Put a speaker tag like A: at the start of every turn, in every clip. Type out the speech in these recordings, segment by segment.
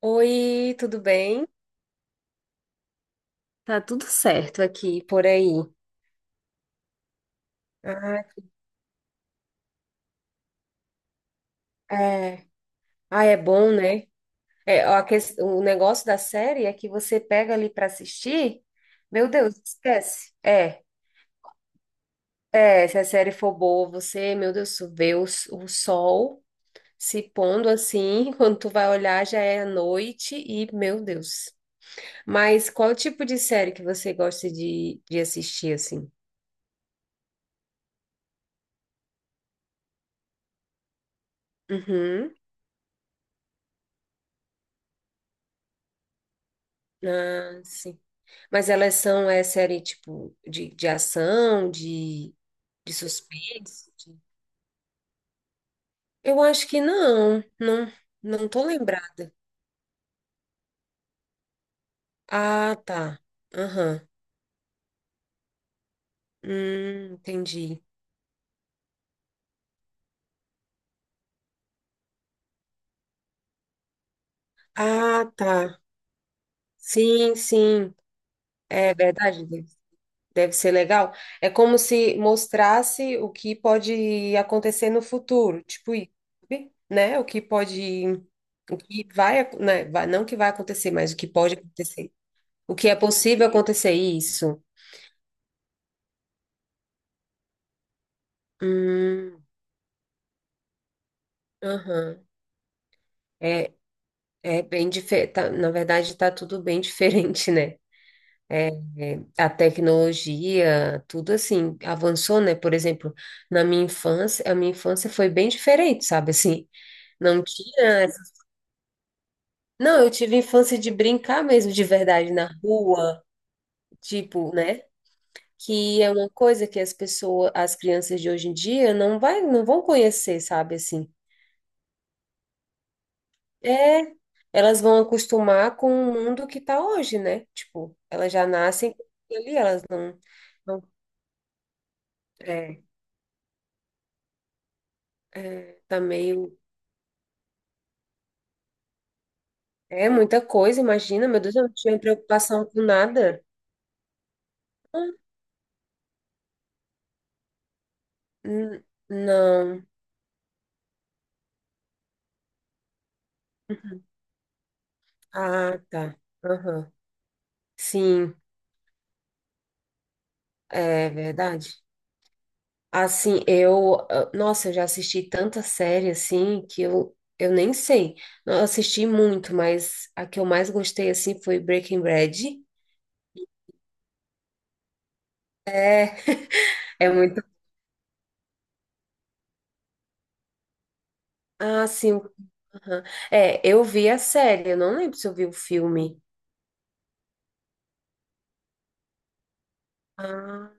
A: Oi, tudo bem? Tá tudo certo aqui, por aí. Ah, é. Ah, é bom, né? É, ó, o negócio da série é que você pega ali para assistir, meu Deus, esquece. É, se a série for boa, você, meu Deus, tu vê o sol se pondo assim, quando tu vai olhar já é a noite e, meu Deus. Mas qual tipo de série que você gosta de assistir, assim? Uhum. Ah, sim. Mas elas são, é série, tipo, de ação, de suspense? Eu acho que não, não, não tô lembrada. Ah, tá. Aham. Entendi. Ah, tá. Sim, sim. É verdade, deve ser legal. É como se mostrasse o que pode acontecer no futuro, tipo, isso, sabe? Né? O que pode, o que vai, né? Não o que vai acontecer, mas o que pode acontecer. O que é possível acontecer isso? Hum, aham. É, é, bem diferente. Na verdade, está tudo bem diferente, né? É, a tecnologia, tudo assim, avançou, né? Por exemplo, a minha infância foi bem diferente, sabe? Assim, não tinha. Não, eu tive infância de brincar mesmo, de verdade, na rua, tipo, né? Que é uma coisa que as crianças de hoje em dia não vão conhecer, sabe? Assim. É, elas vão acostumar com o mundo que tá hoje, né? Tipo, elas já nascem ali, elas não, não é, é, tá meio, é muita coisa, imagina, meu Deus, eu não tinha preocupação com nada. Hum, n- Não. Uhum. Ah, tá. Aham. Sim, é verdade. Assim, ah, nossa, eu já assisti tanta série assim que eu nem sei. Não, eu assisti muito, mas a que eu mais gostei assim foi Breaking Bad. É, é muito. Ah, sim. Aham. É, eu vi a série, eu não lembro se eu vi o filme. Ah,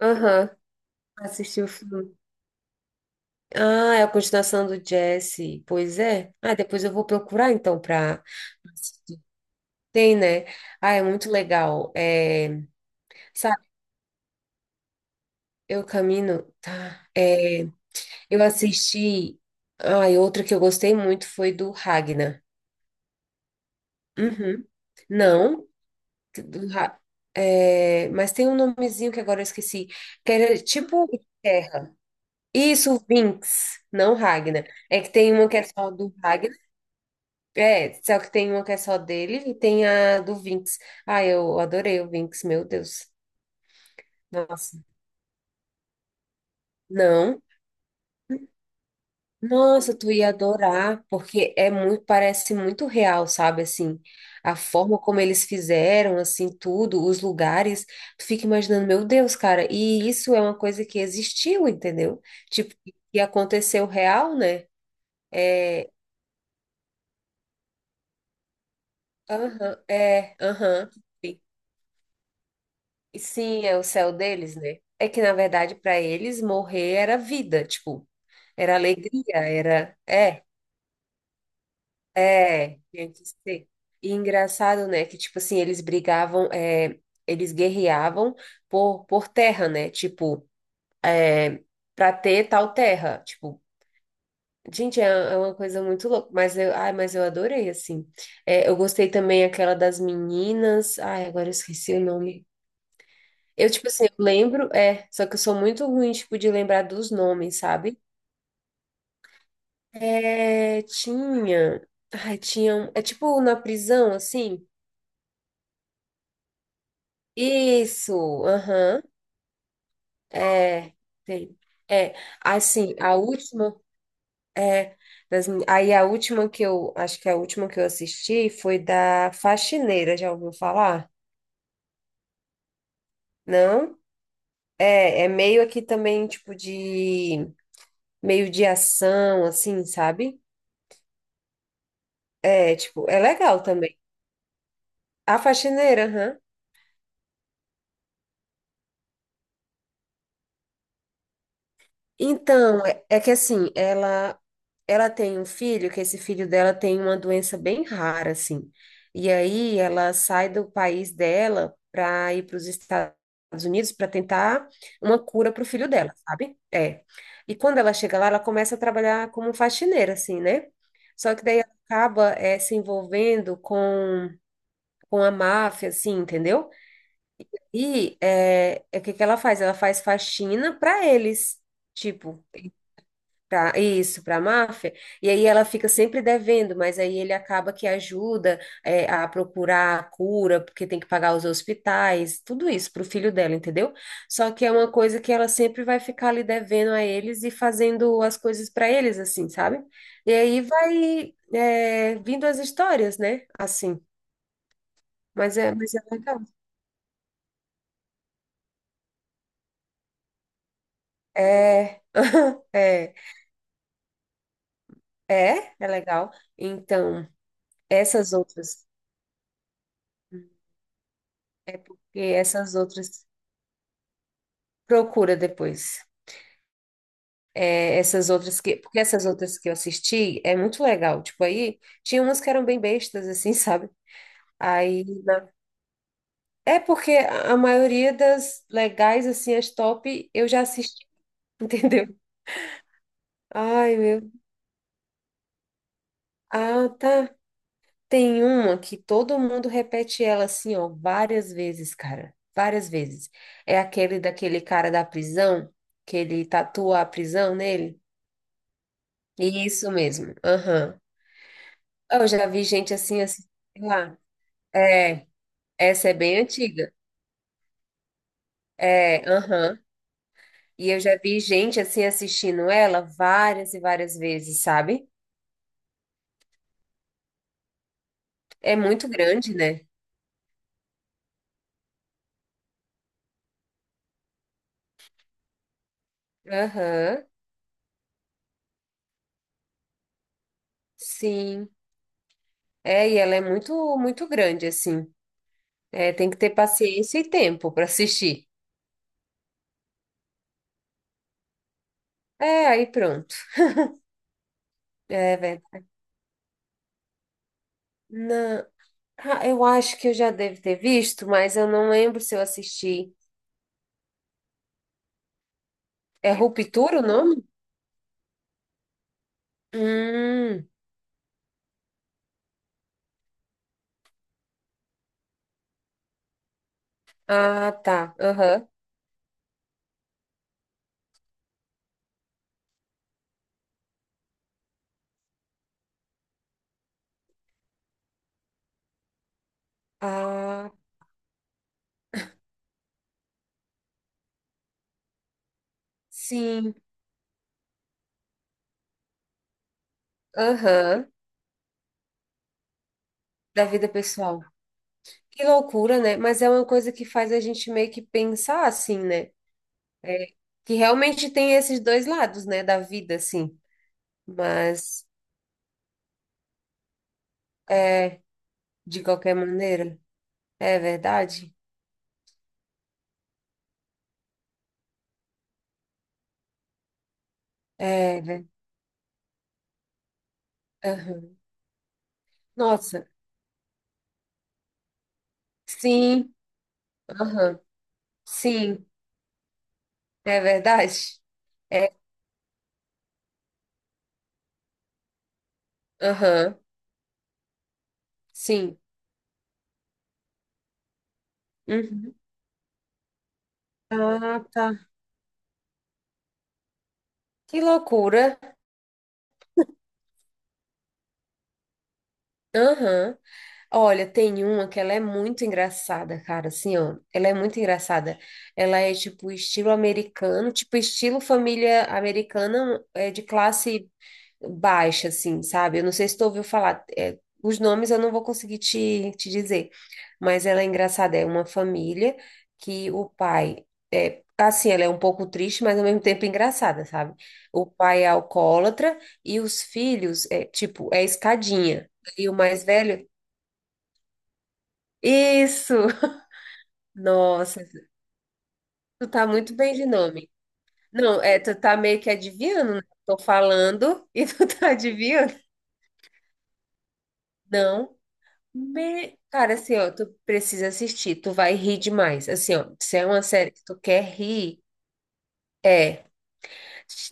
A: aham. Assisti o filme. Ah, é a continuação do Jesse. Pois é. Ah, depois eu vou procurar então para assistir. Tem, né? Ah, é muito legal. É, sabe, eu camino, tá? É, eu assisti. Ah, e outra que eu gostei muito foi do Ragnar. Uhum. Não. Ra- é, mas tem um nomezinho que agora eu esqueci, que era tipo terra. Isso, Vinx, não Ragna. É que tem uma que é só do Ragna, é, só que tem uma que é só dele e tem a do Vinx. Ah, eu adorei o Vinx, meu Deus. Nossa, não. Nossa, tu ia adorar, porque é muito, parece muito real, sabe? Assim, a forma como eles fizeram, assim, tudo, os lugares, tu fica imaginando, meu Deus, cara, e isso é uma coisa que existiu, entendeu? Tipo, que aconteceu real, né? É, aham, é, aham. Sim. E sim, é o céu deles, né? É que, na verdade, para eles, morrer era vida, tipo, era alegria, era, é. É, tinha que ser. E engraçado, né, que, tipo assim, eles brigavam, é, eles guerreavam por terra, né, tipo, pra ter tal terra, tipo, gente, é uma coisa muito louca, mas eu adorei, assim. É, eu gostei também aquela das meninas, ai, agora eu esqueci o nome. Eu, tipo assim, eu lembro, é, só que eu sou muito ruim, tipo, de lembrar dos nomes, sabe? É, tinha, é tipo na prisão, assim, isso, aham. É, tem. É, assim, a última, é, das mi- aí a última que eu, acho que a última que eu assisti foi da Faxineira, já ouviu falar? Não? É, meio aqui também, tipo, de, meio de ação, assim, sabe? É, tipo, é legal também. A Faxineira, aham. Então, é que assim, ela tem um filho, que esse filho dela tem uma doença bem rara, assim. E aí ela sai do país dela para ir para os Estados Unidos para tentar uma cura para o filho dela, sabe? É. E quando ela chega lá, ela começa a trabalhar como faxineira, assim, né? Só que daí ela acaba se envolvendo com a máfia, assim, entendeu? E é o que que ela faz? Ela faz faxina para eles, tipo. Pra, isso, para a máfia, e aí ela fica sempre devendo, mas aí ele acaba que ajuda a procurar a cura, porque tem que pagar os hospitais, tudo isso para o filho dela, entendeu? Só que é uma coisa que ela sempre vai ficar ali devendo a eles e fazendo as coisas para eles, assim, sabe? E aí vai vindo as histórias, né? Assim, mas é legal. É, é, é, é legal. Então, essas outras, essas outras. Procura depois. É, essas outras que eu assisti é muito legal. Tipo, aí tinha umas que eram bem bestas, assim, sabe? Aí, na- É porque a maioria das legais, assim, as top, eu já assisti, entendeu? Ai, meu. Ah, tá. Tem uma que todo mundo repete ela, assim, ó, várias vezes, cara. Várias vezes. É aquele daquele cara da prisão, que ele tatua a prisão nele. Isso mesmo. Aham. Eu já vi gente assim, assim, sei lá. É, essa é bem antiga. É, aham. E eu já vi gente assim assistindo ela várias e várias vezes, sabe? É muito grande, né? Aham, sim. É, e ela é muito, muito grande, assim. É, tem que ter paciência e tempo para assistir. É, aí pronto. É verdade. Não, ah, eu acho que eu já devo ter visto, mas eu não lembro se eu assisti. É Ruptura o nome? Hum, ah, tá. Aham. Ah, sim, aham, da vida pessoal. Que loucura, né? Mas é uma coisa que faz a gente meio que pensar assim, né? É, que realmente tem esses dois lados, né, da vida, assim. Mas, é, de qualquer maneira, é verdade? É, aham. Nossa, sim, aham, sim, é verdade? É, aham, sim. Uhum. Ah, tá. Que loucura. Aham. Olha, tem uma que ela é muito engraçada, cara, assim, ó, ela é muito engraçada, ela é tipo estilo americano, tipo estilo família americana de classe baixa, assim, sabe? Eu não sei se tu ouviu falar, é, os nomes eu não vou conseguir te dizer, mas ela é engraçada, é uma família que o pai, assim, ela é um pouco triste, mas ao mesmo tempo engraçada, sabe? O pai é alcoólatra e os filhos, tipo, é escadinha, e o mais velho isso! Nossa, tu tá muito bem de nome. Não, tu tá meio que adivinhando, né? Tô falando e tu tá adivinhando. Não. Cara, assim, ó, tu precisa assistir, tu vai rir demais. Assim, ó, se é uma série que tu quer rir, é.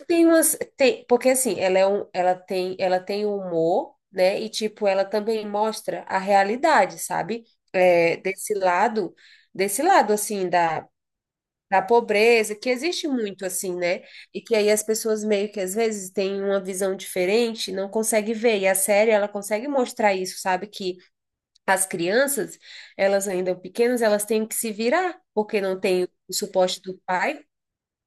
A: Porque assim, ela é um, ela tem humor, né? E tipo, ela também mostra a realidade, sabe? É, desse lado assim da pobreza, que existe muito assim, né? E que aí as pessoas meio que às vezes têm uma visão diferente, não consegue ver. E a série, ela consegue mostrar isso, sabe? Que as crianças, elas ainda pequenas, elas têm que se virar, porque não tem o suporte do pai.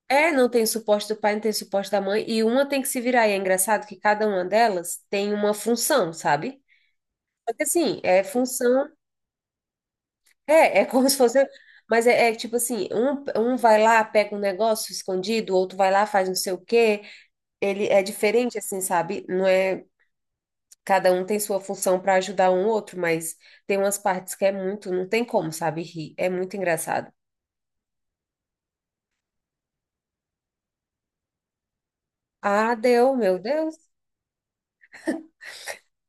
A: É, não tem o suporte do pai, não tem o suporte da mãe, e uma tem que se virar. E é engraçado que cada uma delas tem uma função, sabe? Só que assim, é função. É, como se fosse. Mas é, tipo assim, um vai lá, pega um negócio escondido, o outro vai lá, faz não sei o quê. Ele é diferente, assim, sabe? Não é. Cada um tem sua função para ajudar um outro, mas tem umas partes que é muito, não tem como, sabe, rir. É muito engraçado. Ah, deu, meu Deus.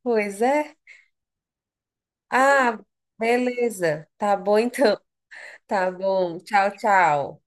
A: Pois é. Ah, beleza. Tá bom então. Tá bom. Tchau, tchau.